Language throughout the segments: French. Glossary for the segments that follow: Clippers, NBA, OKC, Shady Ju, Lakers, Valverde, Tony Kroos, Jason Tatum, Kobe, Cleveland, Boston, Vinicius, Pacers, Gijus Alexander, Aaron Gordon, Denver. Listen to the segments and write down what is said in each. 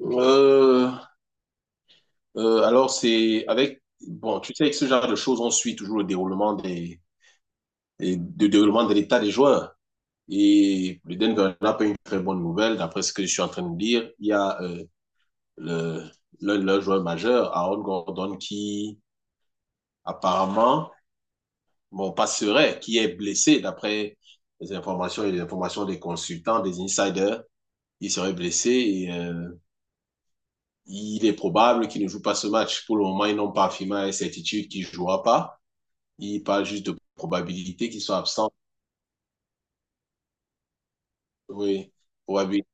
Euh, alors, c'est avec... Bon, tu sais, avec ce genre de choses, on suit toujours le déroulement du déroulement de l'état des joueurs. Et le Denver n'a pas une très bonne nouvelle, d'après ce que je suis en train de dire. Il y a le, l'un de leurs joueurs majeurs, Aaron Gordon, qui apparemment, bon, passerait, qui est blessé, d'après les informations et les informations des consultants, des insiders. Il serait blessé et il est probable qu'il ne joue pas ce match. Pour le moment, ils n'ont pas affirmé à la certitude qu'il ne jouera pas. Il parle juste de probabilités qui sont absentes. Oui, probabilités.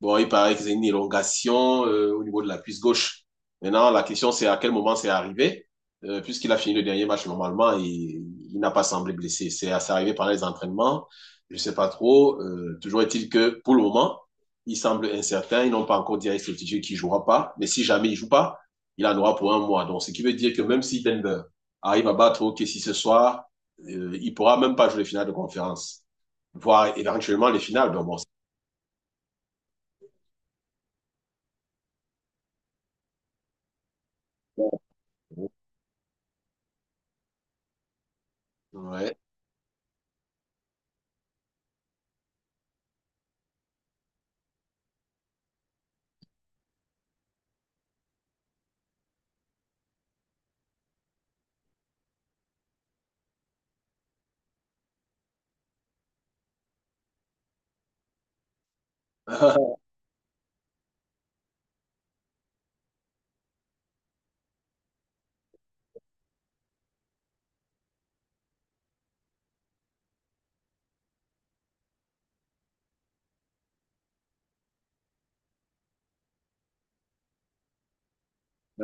Bon, il paraît qu'ils ont une élongation au niveau de la cuisse gauche. Maintenant, la question, c'est à quel moment c'est arrivé, puisqu'il a fini le dernier match normalement et il n'a pas semblé blessé. C'est arrivé pendant les entraînements, je ne sais pas trop. Toujours est-il que pour le moment, il semble incertain. Ils n'ont pas encore dit à certitude qu'il jouera pas, mais si jamais il ne joue pas, il en aura pour un mois. Donc, ce qui veut dire que même si Denver arrive à battre OKC ce soir, il ne pourra même pas jouer les finales de conférence, voire éventuellement les finales. Donc, bon, ouais.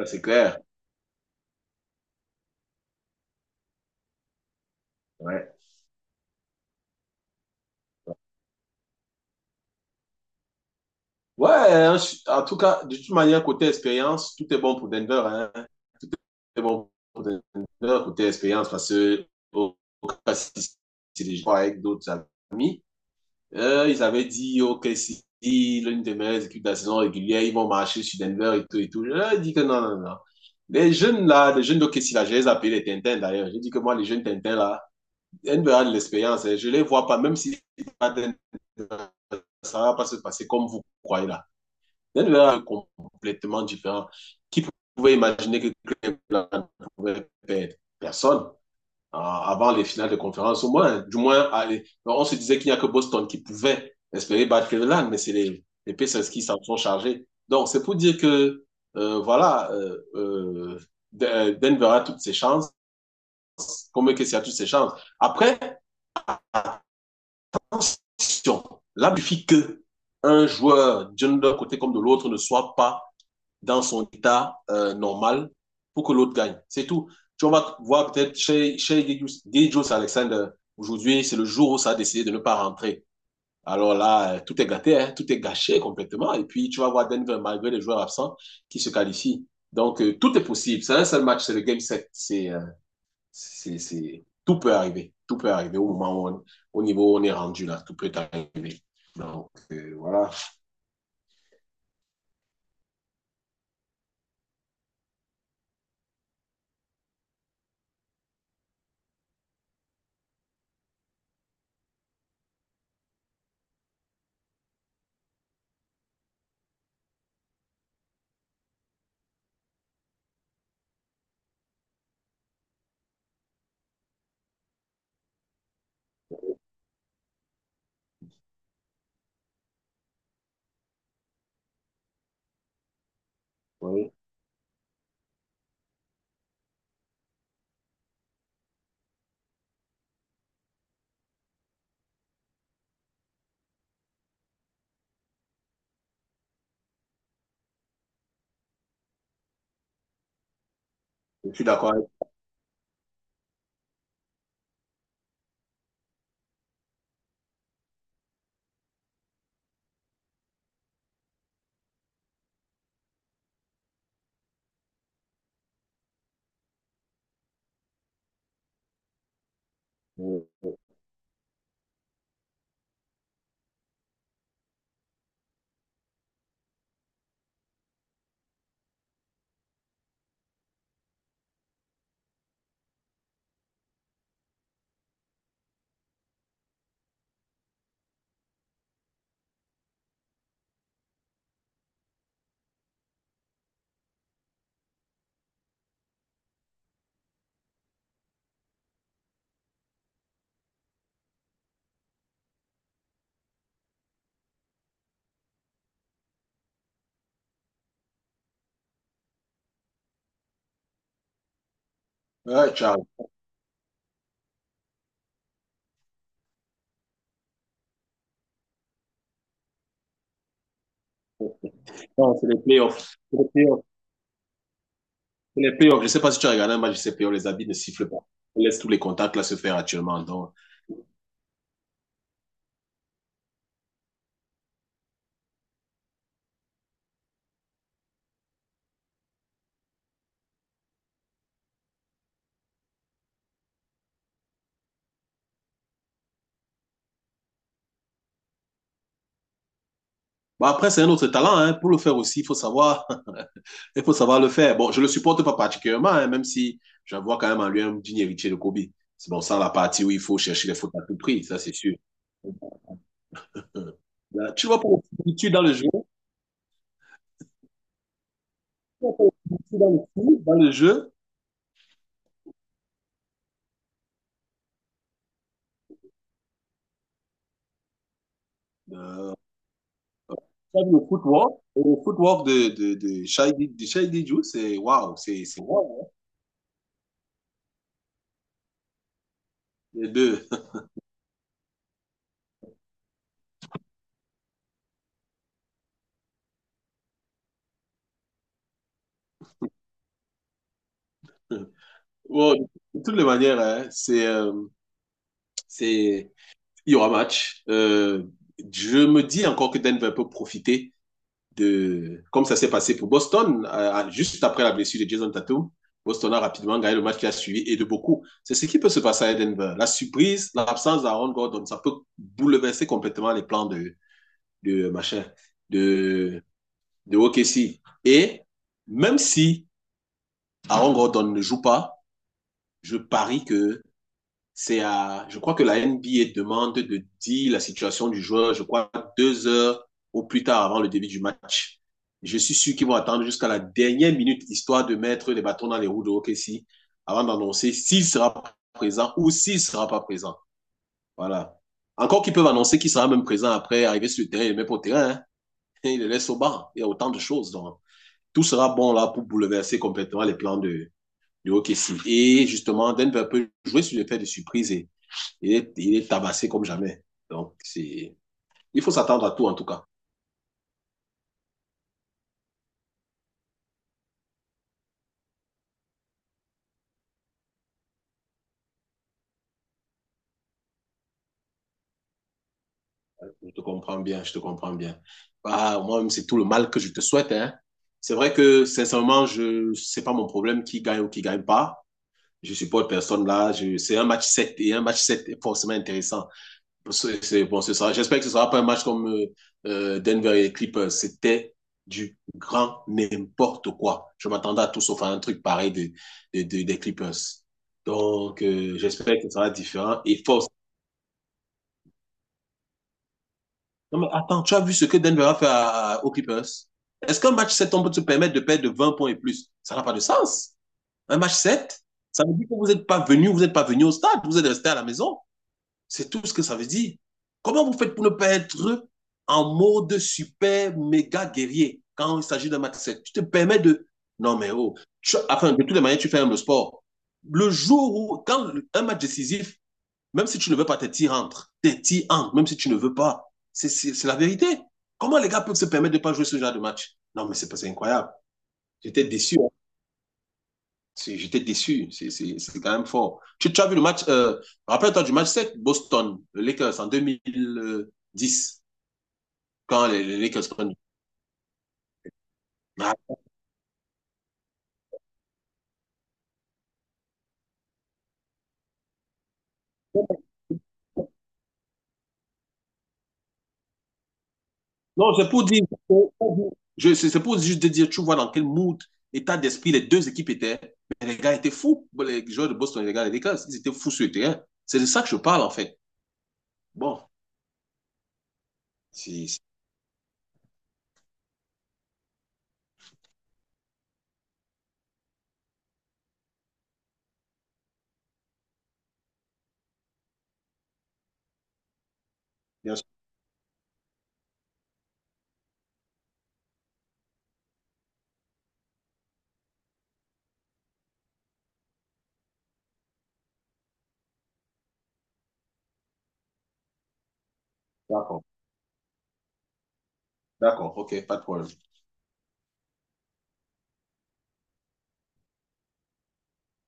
C'est clair. Ouais. Ouais, hein, je- en tout cas, de toute manière, côté expérience, tout est bon pour Denver. Hein. Tout est bon pour Denver, côté expérience, parce que au au cas si c'est des joueurs avec d'autres amis. Ils avaient dit, OK, si l'une des meilleures équipes de la saison régulière, ils vont marcher sur Denver et tout et tout. Je leur ai dit que non, non, non. Les jeunes là, les jeunes d'OKC là, je les appelle les Tintins d'ailleurs. J'ai dit que moi, les jeunes Tintins là, Denver a de l'expérience. Hein. Je les vois pas, même si ça ne va pas se passer comme vous croyez là. Il y a complètement différent. Qui pouvait imaginer que Clem pouvait perdre. Personne. Ah, avant les finales de conférence, au moins, du moins, on se disait qu'il n'y a que Boston qui pouvait espérer battre Cleveland, mais c'est les Pacers qui s'en sont chargés. Donc, c'est pour dire que, voilà, Denver a toutes ses chances, comme que a toutes ses chances. Après, attention, là, il suffit que un joueur, d'un côté comme de l'autre, ne soit pas dans son état normal pour que l'autre gagne. C'est tout. Tu vas voir peut-être chez Gijus Alexander, aujourd'hui, c'est le jour où ça a décidé de ne pas rentrer. Alors là, tout est gâté, hein, tout est gâché complètement. Et puis, tu vas voir Denver, malgré les joueurs absents, qui se qualifient. Donc, tout est possible. C'est un seul match, c'est le game set. Tout peut arriver. Tout peut arriver au moment où on, au niveau où on est rendu là. Tout peut arriver. Donc, voilà. Ouais. Je suis d'accord avec toi. Ouais, ciao. Non, c'est les playoffs. C'est les playoffs. C'est les playoffs. Je ne sais pas si tu as regardé un match de ces playoffs, les habits ne sifflent pas. On laisse tous les contacts là se faire actuellement. Donc, bon, après, c'est un autre talent, hein. Pour le faire aussi, il faut savoir, il faut savoir le faire. Bon, je le supporte pas particulièrement, hein, même si j'en vois quand même en lui un digne héritier de Kobe. C'est bon, ça, la partie où il faut chercher les fautes à tout prix, ça, c'est sûr. Hum. Là, tu vas pas au foot, dans le jeu, tu vas pas au foot, dans le jeu, tu as vu le footwork, et le footwork de Shady, de Shady Ju, c'est waouh, c'est waouh, hein, les deux. Wow, de toutes les manières, hein, c'est, il y aura match. Je me dis encore que Denver peut profiter de, comme ça s'est passé pour Boston, juste après la blessure de Jason Tatum, Boston a rapidement gagné le match qui a suivi et de beaucoup. C'est ce qui peut se passer à Denver. La surprise, l'absence d'Aaron Gordon, ça peut bouleverser complètement les plans de machin, de, de OKC. Et même si Aaron Gordon ne joue pas, je parie que c'est à, je crois que la NBA demande de dire la situation du joueur, je crois, deux heures au plus tard avant le début du match. Je suis sûr qu'ils vont attendre jusqu'à la dernière minute, histoire de mettre les bâtons dans les roues de OKC, avant d'annoncer s'il sera présent ou s'il sera pas présent. Voilà. Encore qu'ils peuvent annoncer qu'il sera même présent après arriver sur le terrain, il le met pas au terrain, hein. Il le laisse au banc. Il y a autant de choses. Donc, tout sera bon là pour bouleverser complètement les plans de OKC. Et justement, Denver peut jouer sur l'effet de surprise et il est tabassé comme jamais. Donc, c'est, il faut s'attendre à tout, en tout cas. Je te comprends bien, je te comprends bien. Ah, moi-même, c'est tout le mal que je te souhaite. Hein. C'est vrai que, sincèrement, je, c'est pas mon problème qui gagne ou qui gagne pas. Je supporte personne là. Je, c'est un match 7 et un match 7 est forcément intéressant. C'est- bon, c'est ça. J'espère que ce sera pas un match comme Denver et les Clippers. C'était du grand n'importe quoi. Je m'attendais à tout sauf à un truc pareil de, des Clippers. Donc, j'espère que ce sera différent et force. Non, mais attends, tu as vu ce que Denver a fait à, aux Clippers? Est-ce qu'un match 7 on peut se permettre de perdre de 20 points et plus? Ça n'a pas de sens. Un match 7 ça veut dire que vous n'êtes pas venu, vous n'êtes pas venu au stade, vous êtes resté à la maison. C'est tout ce que ça veut dire. Comment vous faites pour ne pas être en mode super méga guerrier quand il s'agit d'un match sec? Tu te permets de. Non, mais oh. Tu... Enfin, de toutes les manières, tu fais même le sport. Le jour où, quand un match décisif, même si tu ne veux pas, tes tirs entrent. Tes tirs entrent, même si tu ne veux pas. C'est la vérité. Comment les gars peuvent se permettre de ne pas jouer ce genre de match. Non, mais c'est incroyable. J'étais déçu. J'étais déçu. C'est quand même fort. Tu, as vu le match, rappelle-toi du match 7, Boston, le Lakers en 2010, quand les Lakers prennent. Ah. Non, c'est pour dire, c'est pour juste de dire, tu vois dans quel mood, état d'esprit les deux équipes étaient. Mais les gars étaient fous. Les joueurs de Boston et les gars des Lakers, ils étaient fous sur le terrain. C'est de ça que je parle, en fait. Bon, c'est bien sûr. D'accord. D'accord, ok, pas de problème.